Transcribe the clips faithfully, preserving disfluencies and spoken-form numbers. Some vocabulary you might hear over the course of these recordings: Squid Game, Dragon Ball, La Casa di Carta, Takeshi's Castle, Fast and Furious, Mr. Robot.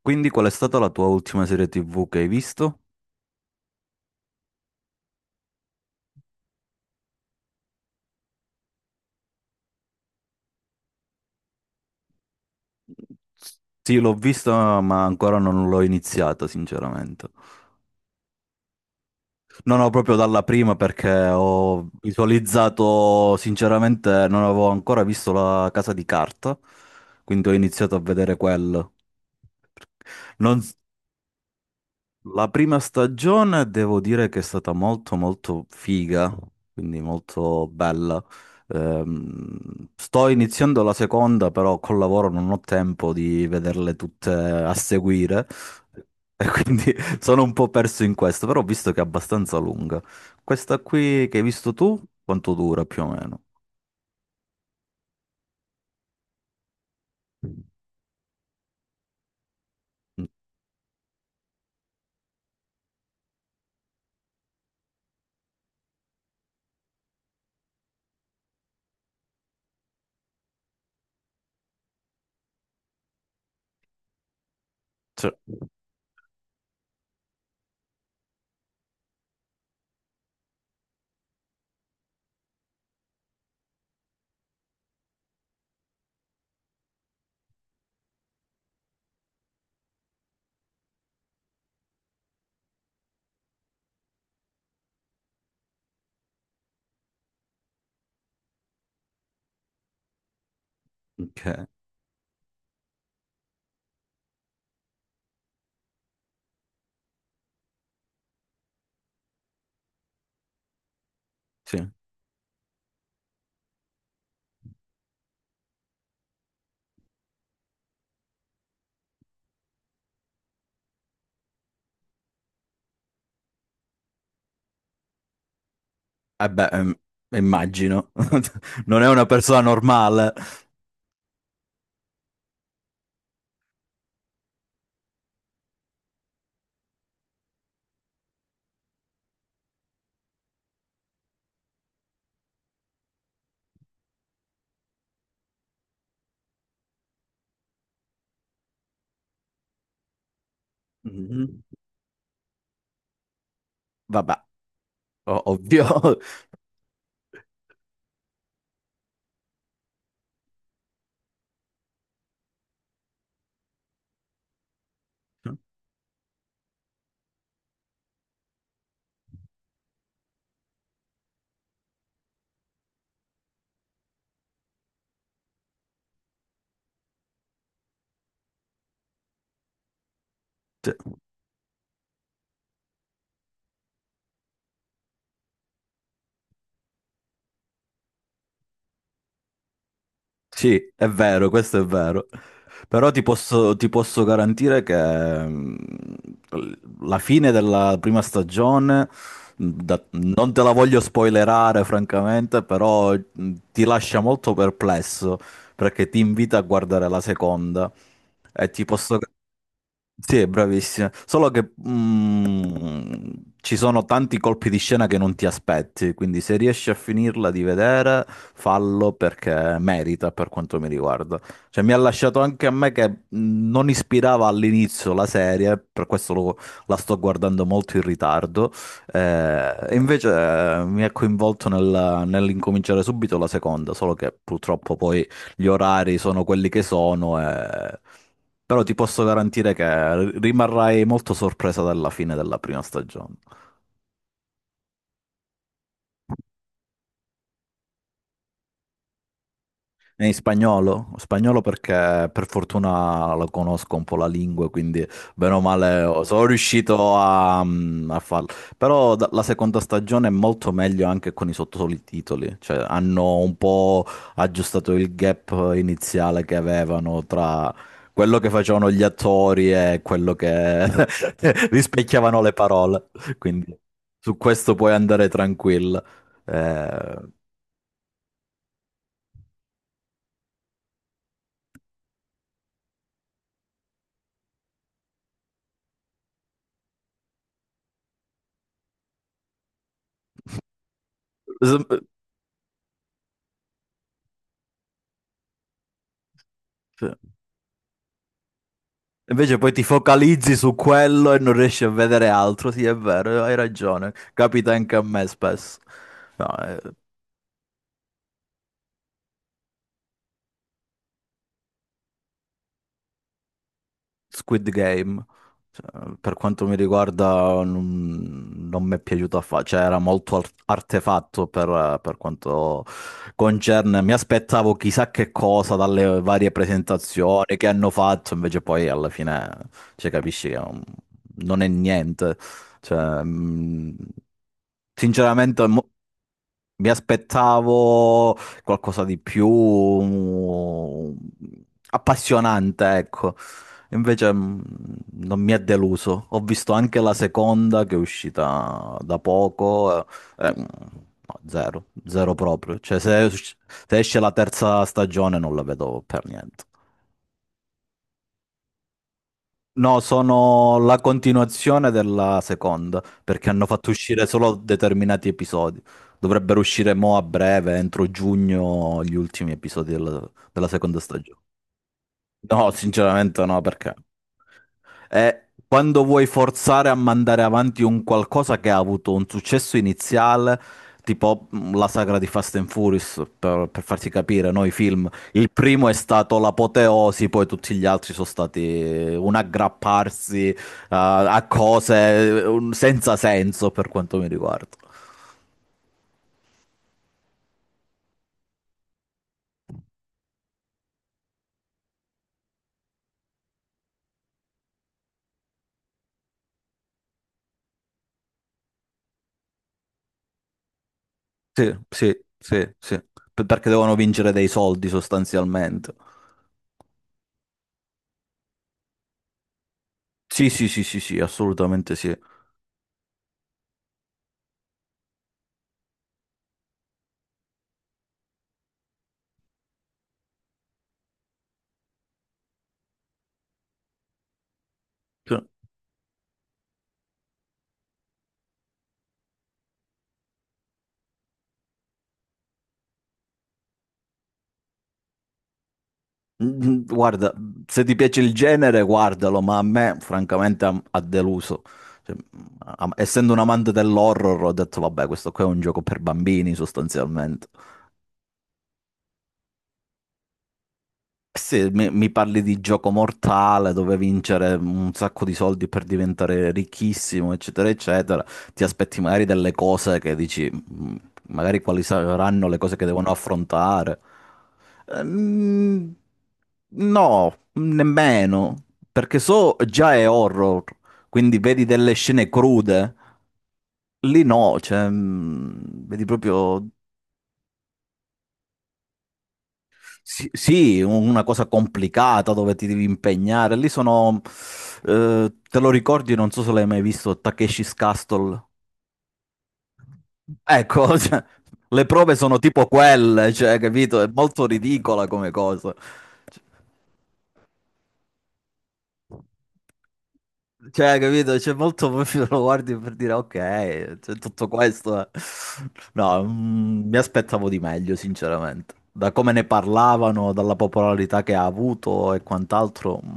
Quindi qual è stata la tua ultima serie T V che hai visto? Sì, l'ho vista, ma ancora non l'ho iniziata, sinceramente. Non ho proprio dalla prima perché ho visualizzato, sinceramente, non avevo ancora visto La Casa di Carta, quindi ho iniziato a vedere quello. Non, la prima stagione devo dire che è stata molto molto figa, quindi molto bella. Ehm, sto iniziando la seconda, però col lavoro non ho tempo di vederle tutte a seguire e quindi sono un po' perso in questo, però ho visto che è abbastanza lunga. Questa qui che hai visto tu, quanto dura più o meno? Mm, sì. Ok, sì. Eh beh, ehm, immagino. Non è una persona normale. Mhm. Vabbè. O- Ovvio. Cioè, sì, è vero, questo è vero. Però ti posso, ti posso garantire che mm, la fine della prima stagione, mm, da- non te la voglio spoilerare francamente, però mm, ti lascia molto perplesso perché ti invita a guardare la seconda. E ti posso... Sì, è bravissima. Solo che mm, ci sono tanti colpi di scena che non ti aspetti, quindi se riesci a finirla di vedere, fallo perché merita per quanto mi riguarda. Cioè, mi ha lasciato anche a me che mm, non ispirava all'inizio la serie, per questo lo- la sto guardando molto in ritardo. Eh, e invece eh, mi ha coinvolto nel- nell'incominciare subito la seconda, solo che purtroppo poi gli orari sono quelli che sono, e- però ti posso garantire che rimarrai molto sorpresa dalla fine della prima stagione. È in spagnolo? Spagnolo perché per fortuna lo conosco un po' la lingua, quindi bene o male oh, sono riuscito a, mm, a farlo. Però da- la seconda stagione è molto meglio anche con i sottotitoli, cioè hanno un po' aggiustato il gap iniziale che avevano tra quello che facevano gli attori e quello che rispecchiavano le parole. Quindi su questo puoi andare tranquillo. Eh, s- Invece poi ti focalizzi su quello e non riesci a vedere altro. Sì, è vero, hai ragione. Capita anche a me spesso. No, eh, Squid Game. Cioè, per quanto mi riguarda, non, non mi è piaciuto affatto, cioè era molto ar- artefatto per, per quanto concerne. Mi aspettavo chissà che cosa dalle varie presentazioni che hanno fatto, invece poi alla fine, cioè, capisci che non, non è niente. Cioè, mh, sinceramente, mo- mi aspettavo qualcosa di più mm, appassionante, ecco. Invece mh, non mi ha deluso. Ho visto anche la seconda che è uscita da poco. eh, eh, mh, no, zero, zero proprio. Cioè, se, se esce la terza stagione non la vedo per niente. No, sono la continuazione della seconda, perché hanno fatto uscire solo determinati episodi. Dovrebbero uscire mo a breve, entro giugno, gli ultimi episodi della, della seconda stagione. No, sinceramente no, perché? Eh, quando vuoi forzare a mandare avanti un qualcosa che ha avuto un successo iniziale, tipo mh, la sagra di Fast and Furious, per, per farti capire, no? I film. Il primo è stato l'apoteosi, poi tutti gli altri sono stati un aggrapparsi, eh, a cose eh, un- senza senso per quanto mi riguarda. Sì, sì, sì, sì. Per- Perché devono vincere dei soldi sostanzialmente. Sì, sì, sì, sì, sì, assolutamente sì. Mm, guarda, se ti piace il genere, guardalo, ma a me francamente ha ha deluso. Cioè, a- essendo un amante dell'horror, ho detto, vabbè, questo qua è un gioco per bambini, sostanzialmente. Se mi, mi parli di gioco mortale dove vincere un sacco di soldi per diventare ricchissimo, eccetera, eccetera, ti aspetti magari delle cose che dici, "Mm, magari quali saranno le cose che devono affrontare. Ehm, no, nemmeno, perché so già è horror, quindi vedi delle scene crude. Lì no, cioè, mm, vedi proprio. Sì, sì, un- una cosa complicata dove ti devi impegnare. Lì sono, eh, te lo ricordi, non so se l'hai mai visto, Takeshi's Castle. Ecco, cioè, le prove sono tipo quelle, cioè, capito? È molto ridicola come cosa. Cioè, capito? C'è molto, lo guardi per dire, ok, c'è tutto questo. Eh. No, mm, mi aspettavo di meglio, sinceramente. Da come ne parlavano, dalla popolarità che ha avuto e quant'altro. Mm.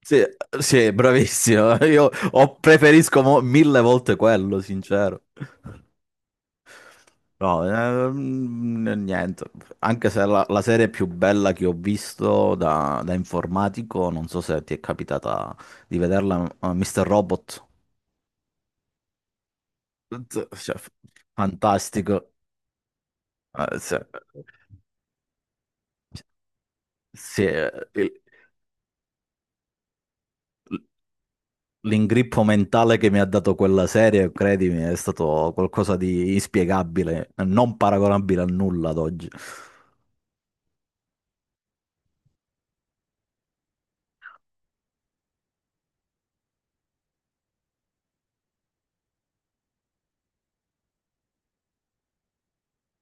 Sì, sì, bravissimo. Io ho- preferisco mo- mille volte quello, sincero. No, ehm, niente. Anche se la, la serie più bella che ho visto da, da informatico, non so se ti è capitata di vederla, eh, mister Robot. Z- Cioè, f- fantastico. Eh, sì. Sì, eh, il- l'ingrippo mentale che mi ha dato quella serie, credimi, è stato qualcosa di inspiegabile, non paragonabile a nulla ad oggi.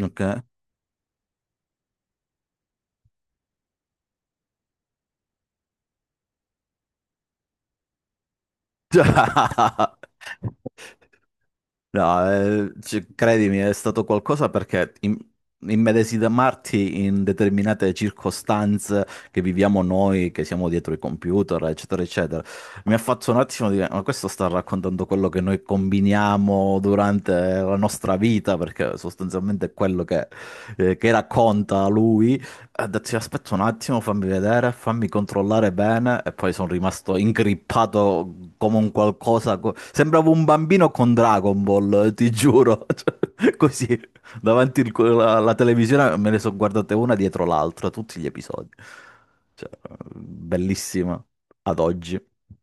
Ok. Cioè, no, eh, ci- credimi, è stato qualcosa perché im- immedesimarti in determinate circostanze che viviamo noi, che siamo dietro i computer, eccetera, eccetera, mi ha fatto un attimo dire, ma questo sta raccontando quello che noi combiniamo durante la nostra vita, perché sostanzialmente è quello che, eh, che racconta lui. Ha detto, "Sì, aspetta un attimo, fammi vedere, fammi controllare bene." E poi sono rimasto ingrippato come un qualcosa. co- Sembravo un bambino con Dragon Ball, eh, ti giuro. Cioè, così, davanti il- alla, alla televisione me ne sono guardate una dietro l'altra, tutti gli episodi. Cioè, bellissima ad oggi.